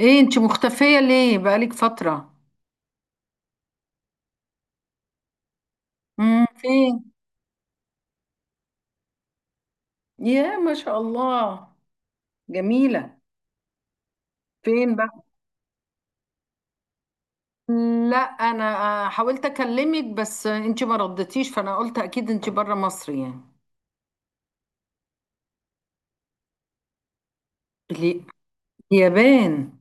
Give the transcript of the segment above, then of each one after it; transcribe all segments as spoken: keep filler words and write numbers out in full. ايه انت مختفية ليه بقالك فترة؟ امم فين؟ يا ما شاء الله، جميلة. فين بقى؟ لا، انا حاولت اكلمك بس انت ما ردتيش فانا قلت اكيد انت بره مصر يعني. ليه؟ اليابان؟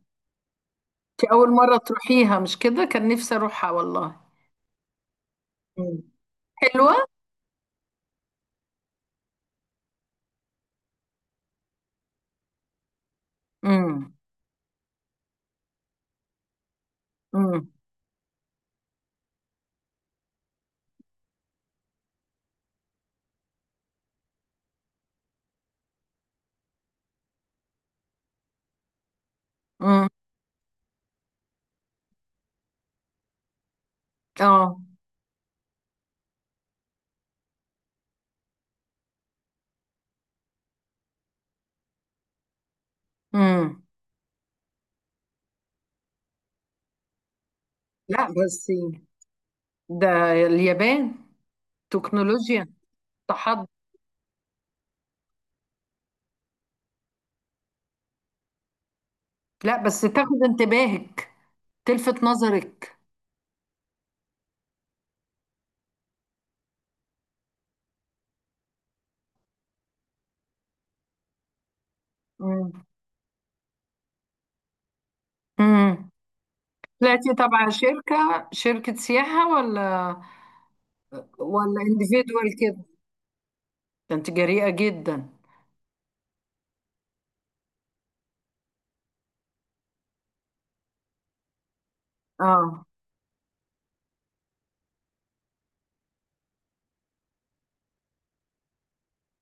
انت اول مرة تروحيها مش كده؟ كان نفسي اروحها والله. مم. حلوة. امم. امم. امم. اه. امم. لا بس. ده اليابان، تكنولوجيا. تحضر. لا بس تاخد انتباهك، تلفت نظرك. مم. مم. طلعتي تبع شركة شركة سياحة ولا؟ ولا individual كده؟ ده انت جريئة جدا. اه.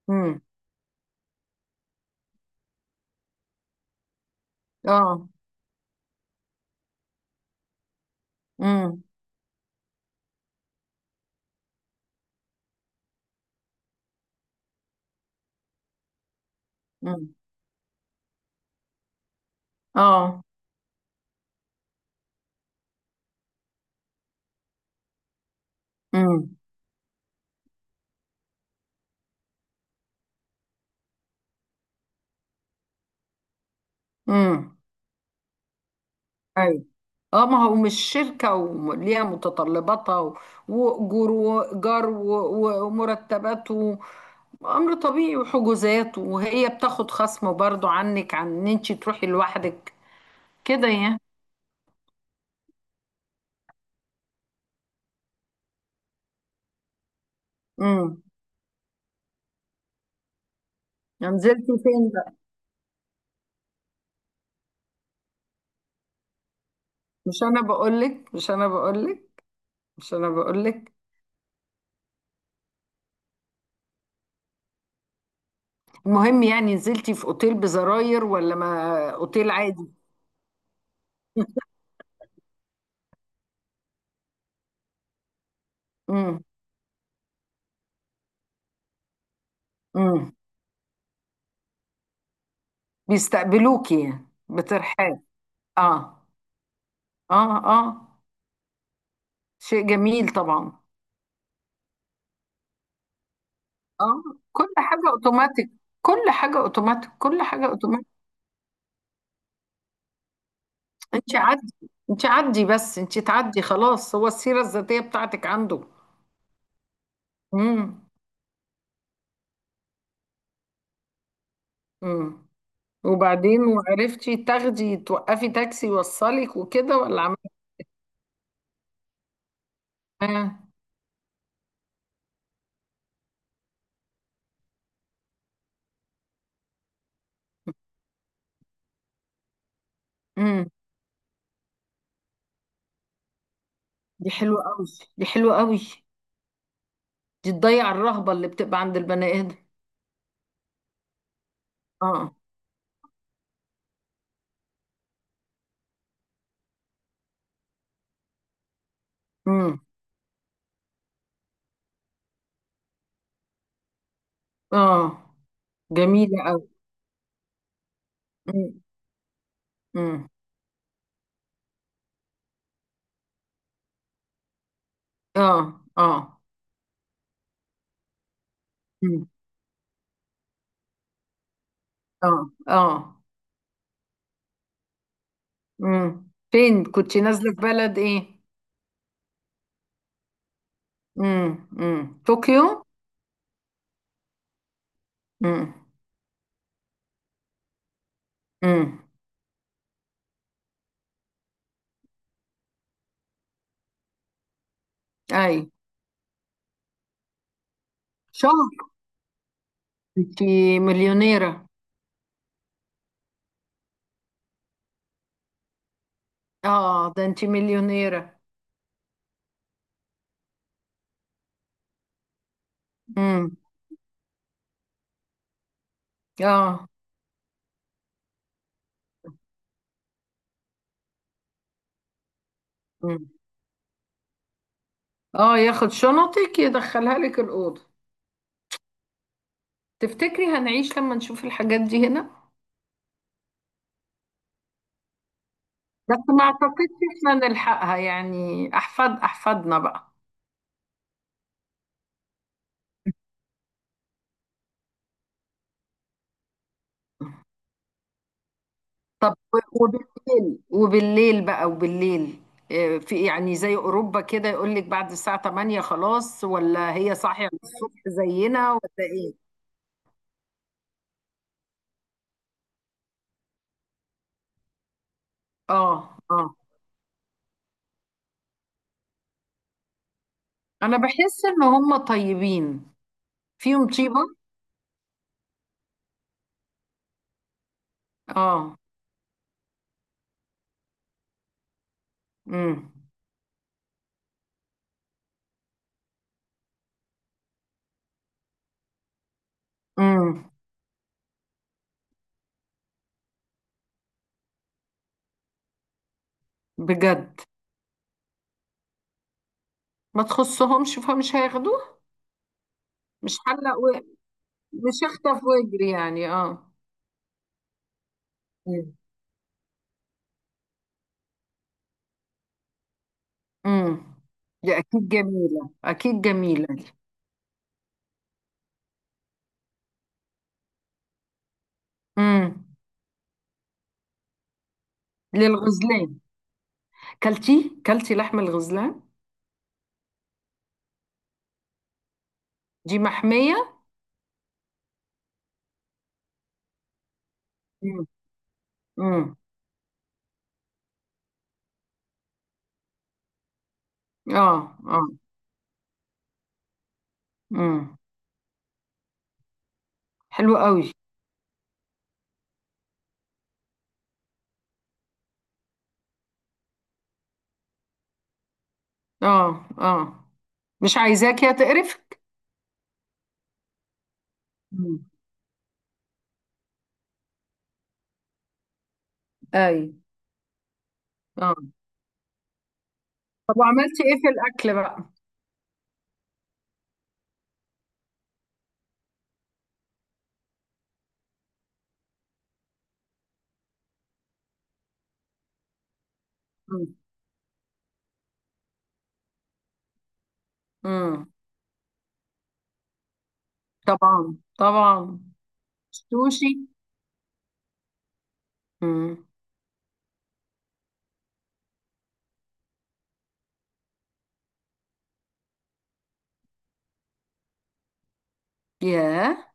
امم. اه. امم. امم. اه. امم. امم. ايوه. اه ما هو مش شركة وليها متطلباتها و- وأجور وإيجار و- و- ومرتبات و- امر طبيعي وحجوزات، وهي بتاخد خصم برضو عنك عن ان انت تروحي لوحدك. كده يعني. امم. نزلتي فين بقى؟ مش انا بقولك، مش انا بقولك، مش انا بقولك. المهم، يعني نزلتي في اوتيل بزراير ولا ما اوتيل عادي؟ امم. امم. بيستقبلوكي يعني بترحاب. اه، اه. اه. شيء جميل طبعا. اه، كل حاجة اوتوماتيك، كل حاجة اوتوماتيك، كل حاجة اوتوماتيك. انت عدي، انت عدي بس انت تعدي خلاص، هو السيرة الذاتية بتاعتك عنده. امم. امم. وبعدين وعرفتي تاخدي توقفي تاكسي يوصلك وكده، ولا عملت ايه؟ امم. دي حلوة قوي، دي حلوة قوي. دي تضيع الرهبة اللي بتبقى عند البني آدم. اه. امم. اه. جميلة قوي. امم. امم. اه، اه. امم. اه، اه. امم. فين كنت نازلة؟ في بلد ايه؟ امم، امم، طوكيو. امم. امم. اي. شهر؟ انت مليونيرة. اه ده انت مليونيرة. امم. اه. امم. اه، ياخد شنطك يدخلها لك الأوضة. تفتكري هنعيش لما نشوف الحاجات دي هنا؟ بس ما اعتقدش احنا نلحقها، يعني احفاد احفادنا بقى. طب و- وبالليل، وبالليل بقى، وبالليل، آه، في يعني زي اوروبا كده، يقول لك بعد الساعة تمانية خلاص، ولا هي صاحية الصبح زينا ولا ايه؟ اه، اه. انا بحس ان هم طيبين، فيهم طيبة. اه. امم. امم. بجد. ما تخصهمش فمش هياخدوه. مش حلق و... مش هخطف واجري يعني، اه. امم. امم. دي اكيد جميلة، اكيد جميلة دي. امم. للغزلان؟ كلتي كلتي لحم الغزلان؟ دي محمية. امم. امم. اه، اه. امم. حلو قوي. اه، اه. مش عايزاك يا تقرفك. امم. اي. اه. طب وعملتي ايه في الاكل بقى؟ مم. مم. طبعا، طبعا. سوشي. مم. ياه.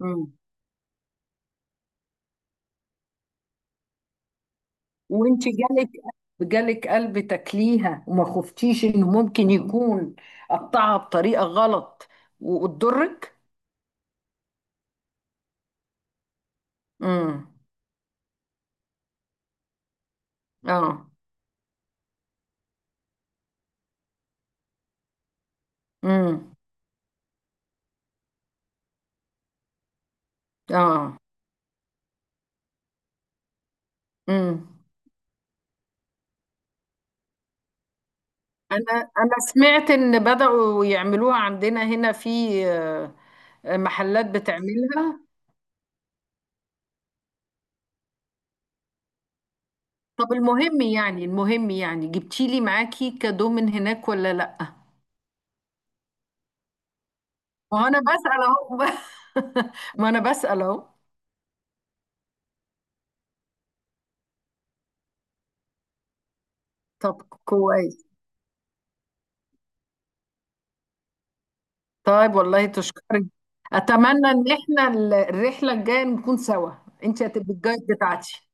مم. وانت جالك، جالك قلب تاكليها وما خفتيش انه ممكن يكون قطعها بطريقه غلط و- وتضرك؟ مم. اه. مم. اه. مم. انا، انا سمعت ان بدأوا يعملوها عندنا هنا في آه، محلات بتعملها. طب المهم، يعني المهم يعني جبتيلي معاكي كادو من هناك ولا لأ؟ ما هو انا بسأل اهو. ما انا بسأل اهو. طب كويس. طيب والله تشكري. اتمنى ان احنا ال- الرحلة الجاية نكون سوا. انت هتبقي الجايد بتاعتي.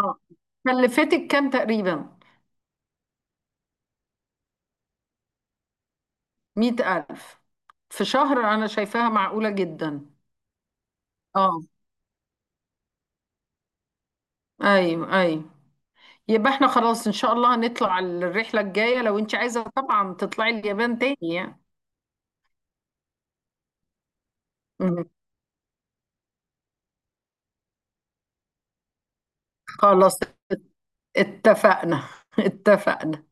اه. كلفتك كام تقريبا؟ مئة ألف؟ في شهر؟ انا شايفاها معقولة جدا. اه. ايوه، ايوه. يبقى احنا خلاص ان شاء الله هنطلع الرحلة الجاية لو انت عايزة طبعا تطلعي اليابان تاني يعني. خلاص. اتفقنا. اتفقنا.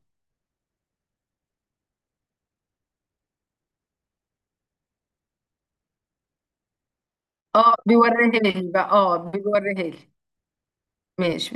اه بيوريها لي بقى، اه بيوريها لي. ماشي.